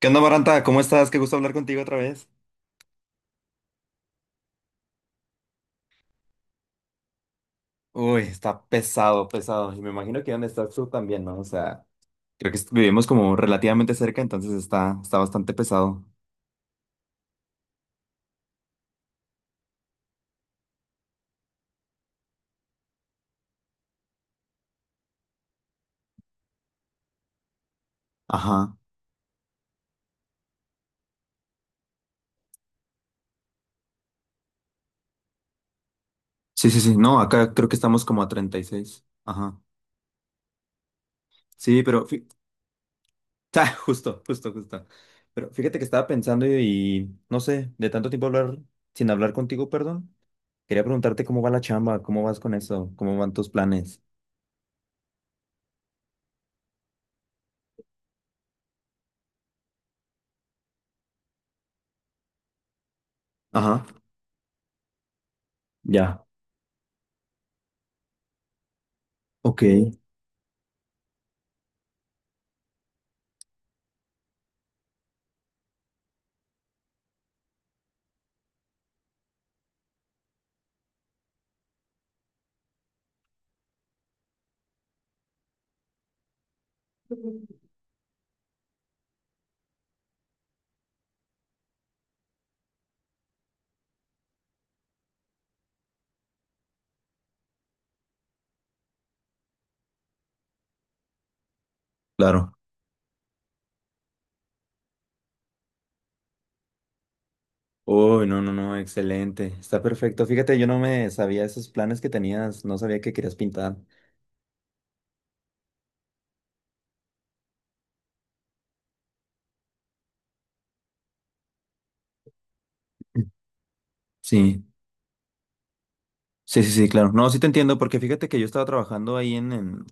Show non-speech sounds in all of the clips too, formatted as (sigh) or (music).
¿Qué onda, Maranta? ¿Cómo estás? Qué gusto hablar contigo otra vez. Uy, está pesado, pesado. Y me imagino que donde estás tú también, ¿no? O sea, creo que vivimos como relativamente cerca, entonces está bastante pesado. Ajá. Sí, sí, sí. No, acá creo que estamos como a 36. Ajá. Sí, pero (laughs) Ah, justo, justo, justo. Pero fíjate que estaba pensando y no sé, de tanto tiempo hablar, sin hablar contigo, perdón. Quería preguntarte cómo va la chamba, cómo vas con eso, cómo van tus planes. Ajá. Ya. Ok. Claro. Uy, no, no, no, excelente. Está perfecto. Fíjate, yo no me sabía esos planes que tenías, no sabía que querías pintar. Sí, sí, sí, sí, claro. No, sí te entiendo, porque fíjate que yo estaba trabajando ahí en, en,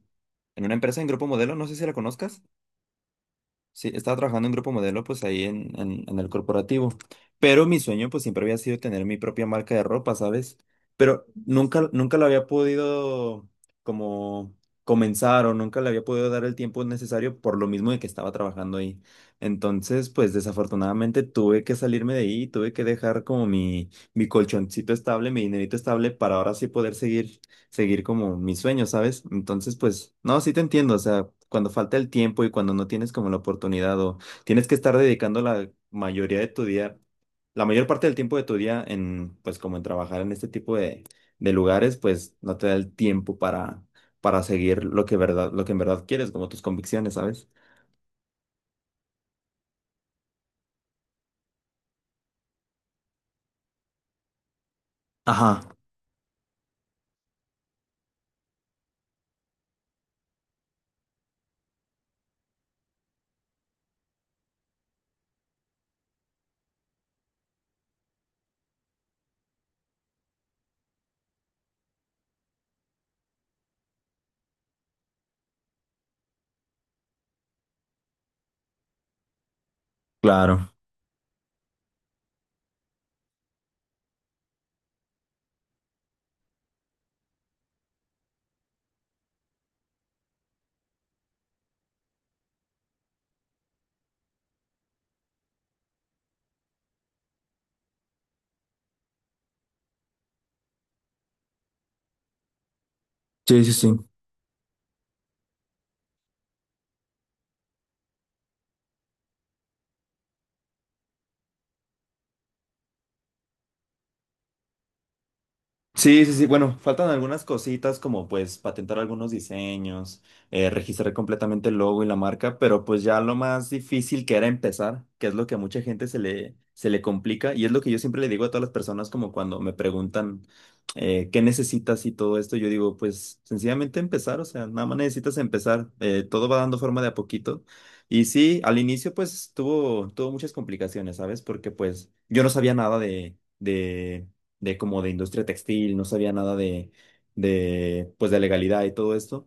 en una empresa en Grupo Modelo, no sé si la conozcas. Sí, estaba trabajando en Grupo Modelo, pues ahí en el corporativo. Pero mi sueño, pues siempre había sido tener mi propia marca de ropa, ¿sabes? Pero nunca, nunca lo había podido como comenzar o nunca le había podido dar el tiempo necesario por lo mismo de que estaba trabajando ahí. Entonces, pues desafortunadamente tuve que salirme de ahí, tuve que dejar como mi colchoncito estable, mi dinerito estable para ahora sí poder seguir como mis sueños, ¿sabes? Entonces, pues, no, sí te entiendo, o sea, cuando falta el tiempo y cuando no tienes como la oportunidad o tienes que estar dedicando la mayoría de tu día, la mayor parte del tiempo de tu día en, pues, como en trabajar en este tipo de lugares, pues, no te da el tiempo para seguir lo que verdad, lo que en verdad quieres, como tus convicciones, ¿sabes? Ajá, claro. Sí, sí, sí. Sí, sí, sí. Bueno, faltan algunas cositas como pues patentar algunos diseños, registrar completamente el logo y la marca, pero pues ya lo más difícil que era empezar, que es lo que a mucha gente se le complica y es lo que yo siempre le digo a todas las personas como cuando me preguntan qué necesitas y todo esto, yo digo pues sencillamente empezar, o sea, nada más necesitas empezar. Todo va dando forma de a poquito. Y sí, al inicio pues tuvo muchas complicaciones, ¿sabes? Porque pues yo no sabía nada de... de como de industria textil, no sabía nada pues de legalidad y todo esto.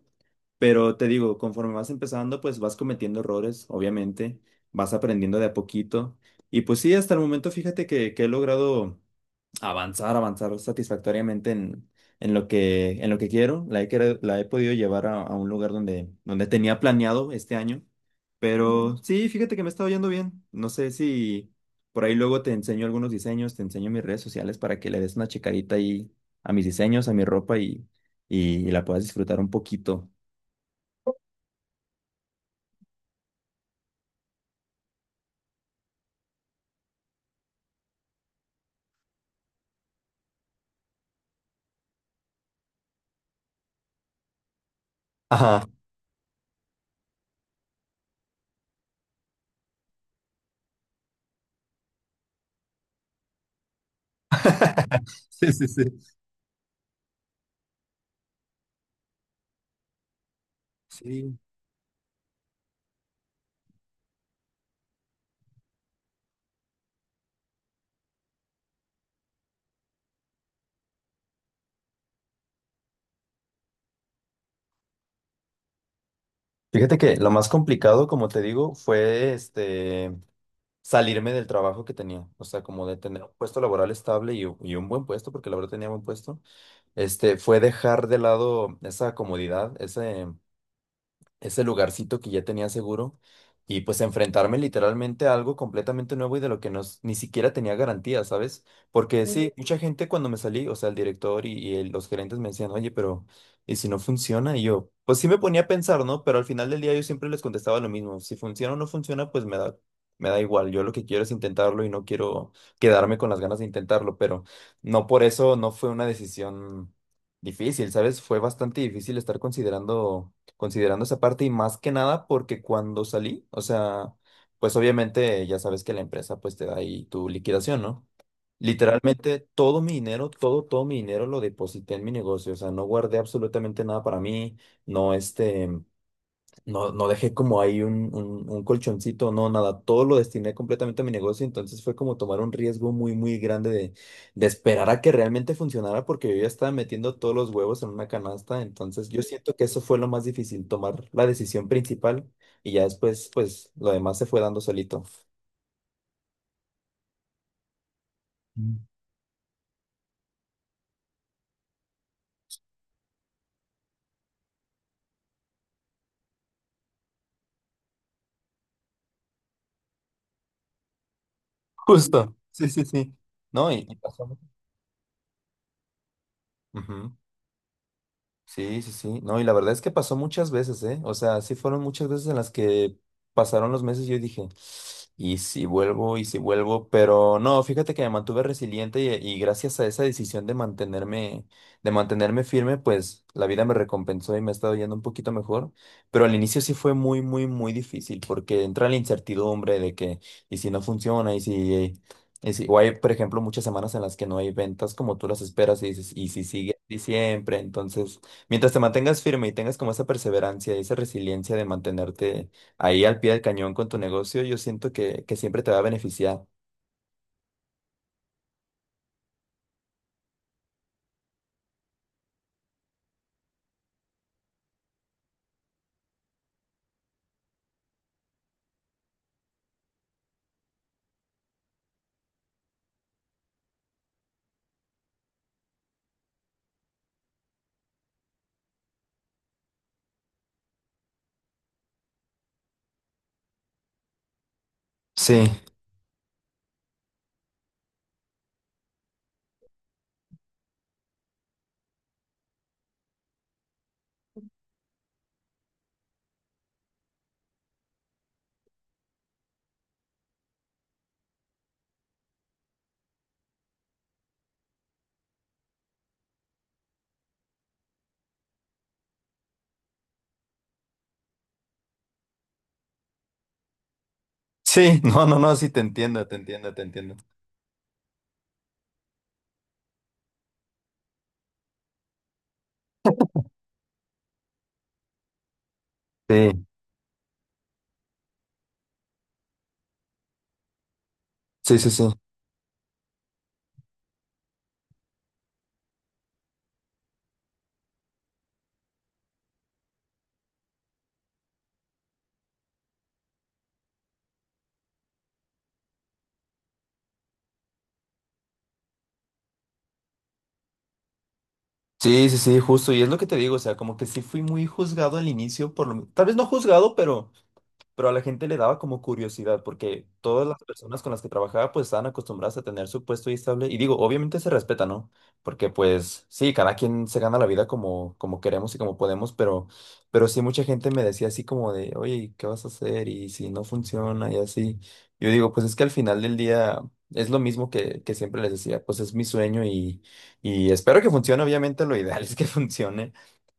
Pero te digo, conforme vas empezando, pues vas cometiendo errores, obviamente, vas aprendiendo de a poquito. Y pues sí, hasta el momento fíjate que he logrado avanzar, avanzar satisfactoriamente en lo que, en lo que, quiero. La he podido llevar a un lugar donde tenía planeado este año. Pero, ujú, sí, fíjate que me está yendo bien. No sé si por ahí luego te enseño algunos diseños, te enseño mis redes sociales para que le des una checadita ahí a mis diseños, a mi ropa y la puedas disfrutar un poquito. Ajá. (laughs) Sí, sí, sí. Sí. Fíjate que lo más complicado, como te digo, fue salirme del trabajo que tenía, o sea, como de tener un puesto laboral estable y un buen puesto, porque la verdad tenía buen puesto. Fue dejar de lado esa comodidad, ese lugarcito que ya tenía seguro y pues enfrentarme literalmente a algo completamente nuevo y de lo que no, ni siquiera tenía garantía, ¿sabes? Porque, ujú, sí, mucha gente cuando me salí, o sea, el director y los gerentes me decían, oye, pero ¿y si no funciona? Y yo, pues sí me ponía a pensar, ¿no? Pero al final del día yo siempre les contestaba lo mismo, si funciona o no funciona, Me da igual, yo lo que quiero es intentarlo y no quiero quedarme con las ganas de intentarlo, pero no por eso no fue una decisión difícil, ¿sabes? Fue bastante difícil estar considerando esa parte y más que nada porque cuando salí, o sea, pues obviamente ya sabes que la empresa pues te da ahí tu liquidación, ¿no? Literalmente todo mi dinero, todo, todo mi dinero lo deposité en mi negocio, o sea, no guardé absolutamente nada para mí, no, no, no dejé como ahí un colchoncito, no, nada, todo lo destiné completamente a mi negocio, entonces fue como tomar un riesgo muy, muy grande de esperar a que realmente funcionara porque yo ya estaba metiendo todos los huevos en una canasta, entonces yo siento que eso fue lo más difícil, tomar la decisión principal y ya después, pues, lo demás se fue dando solito. Mm. Justo. Sí, sí, sí. No, y pasó. Ujú. Sí, sí, sí. No, y la verdad es que pasó muchas veces, ¿eh? O sea, sí fueron muchas veces en las que pasaron los meses y yo dije, y si vuelvo, pero no, fíjate que me mantuve resiliente y gracias a esa decisión de mantenerme, firme, pues la vida me recompensó y me ha estado yendo un poquito mejor. Pero al inicio sí fue muy, muy, muy difícil porque entra la incertidumbre de que, y si no funciona, Y si, o hay, por ejemplo, muchas semanas en las que no hay ventas como tú las esperas y dices, y si sigue así siempre, entonces. Mientras te mantengas firme y tengas como esa perseverancia y esa resiliencia de mantenerte ahí al pie del cañón con tu negocio, yo siento que siempre te va a beneficiar. Sí, sí, (laughs) no, no, no, sí, te entiendo, te entiendo, te entiendo. Sí, sí, sí, sí. Sí, sí, sí, justo. Y es lo que te digo, o sea, como que sí fui muy juzgado al inicio, por lo, tal vez no juzgado, pero a la gente le daba como curiosidad porque todas las personas con las que trabajaba pues estaban acostumbradas a tener su puesto y estable y digo, obviamente se respeta, ¿no? Porque pues sí, cada quien se gana la vida como queremos y como podemos, pero sí mucha gente me decía así como de, oye, ¿qué vas a hacer? Y si no funciona y así. Yo digo, pues es que al final del día es lo mismo que siempre les decía, pues es mi sueño y espero que funcione, obviamente lo ideal (laughs) es que funcione.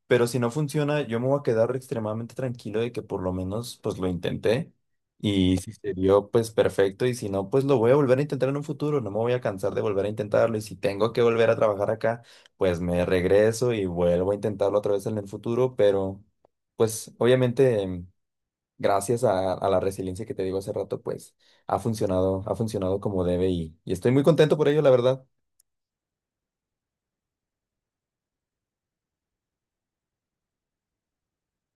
Pero si no funciona, yo me voy a quedar extremadamente tranquilo de que por lo menos pues lo intenté y si se dio pues perfecto y si no pues lo voy a volver a intentar en un futuro, no me voy a cansar de volver a intentarlo y si tengo que volver a trabajar acá pues me regreso y vuelvo a intentarlo otra vez en el futuro, pero pues obviamente gracias a la resiliencia que te digo hace rato pues ha funcionado como debe y estoy muy contento por ello la verdad.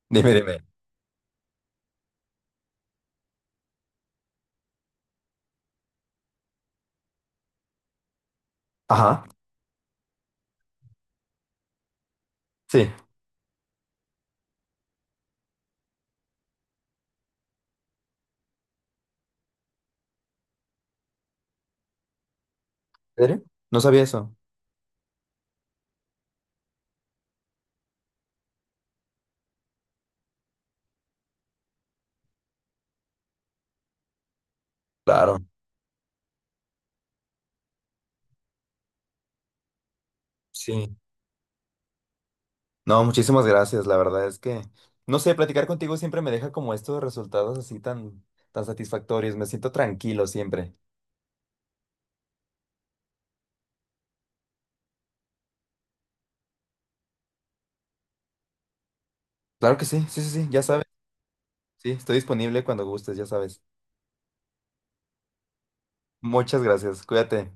Dime, dime. Ajá, sí. ¿En serio? No sabía eso. Claro, sí. No, muchísimas gracias. La verdad es que, no sé, platicar contigo siempre me deja como estos resultados así tan, tan satisfactorios. Me siento tranquilo siempre. Claro que sí, sí, sí, sí, ya sabes. Sí, estoy disponible cuando gustes, ya sabes. Muchas gracias. Cuídate.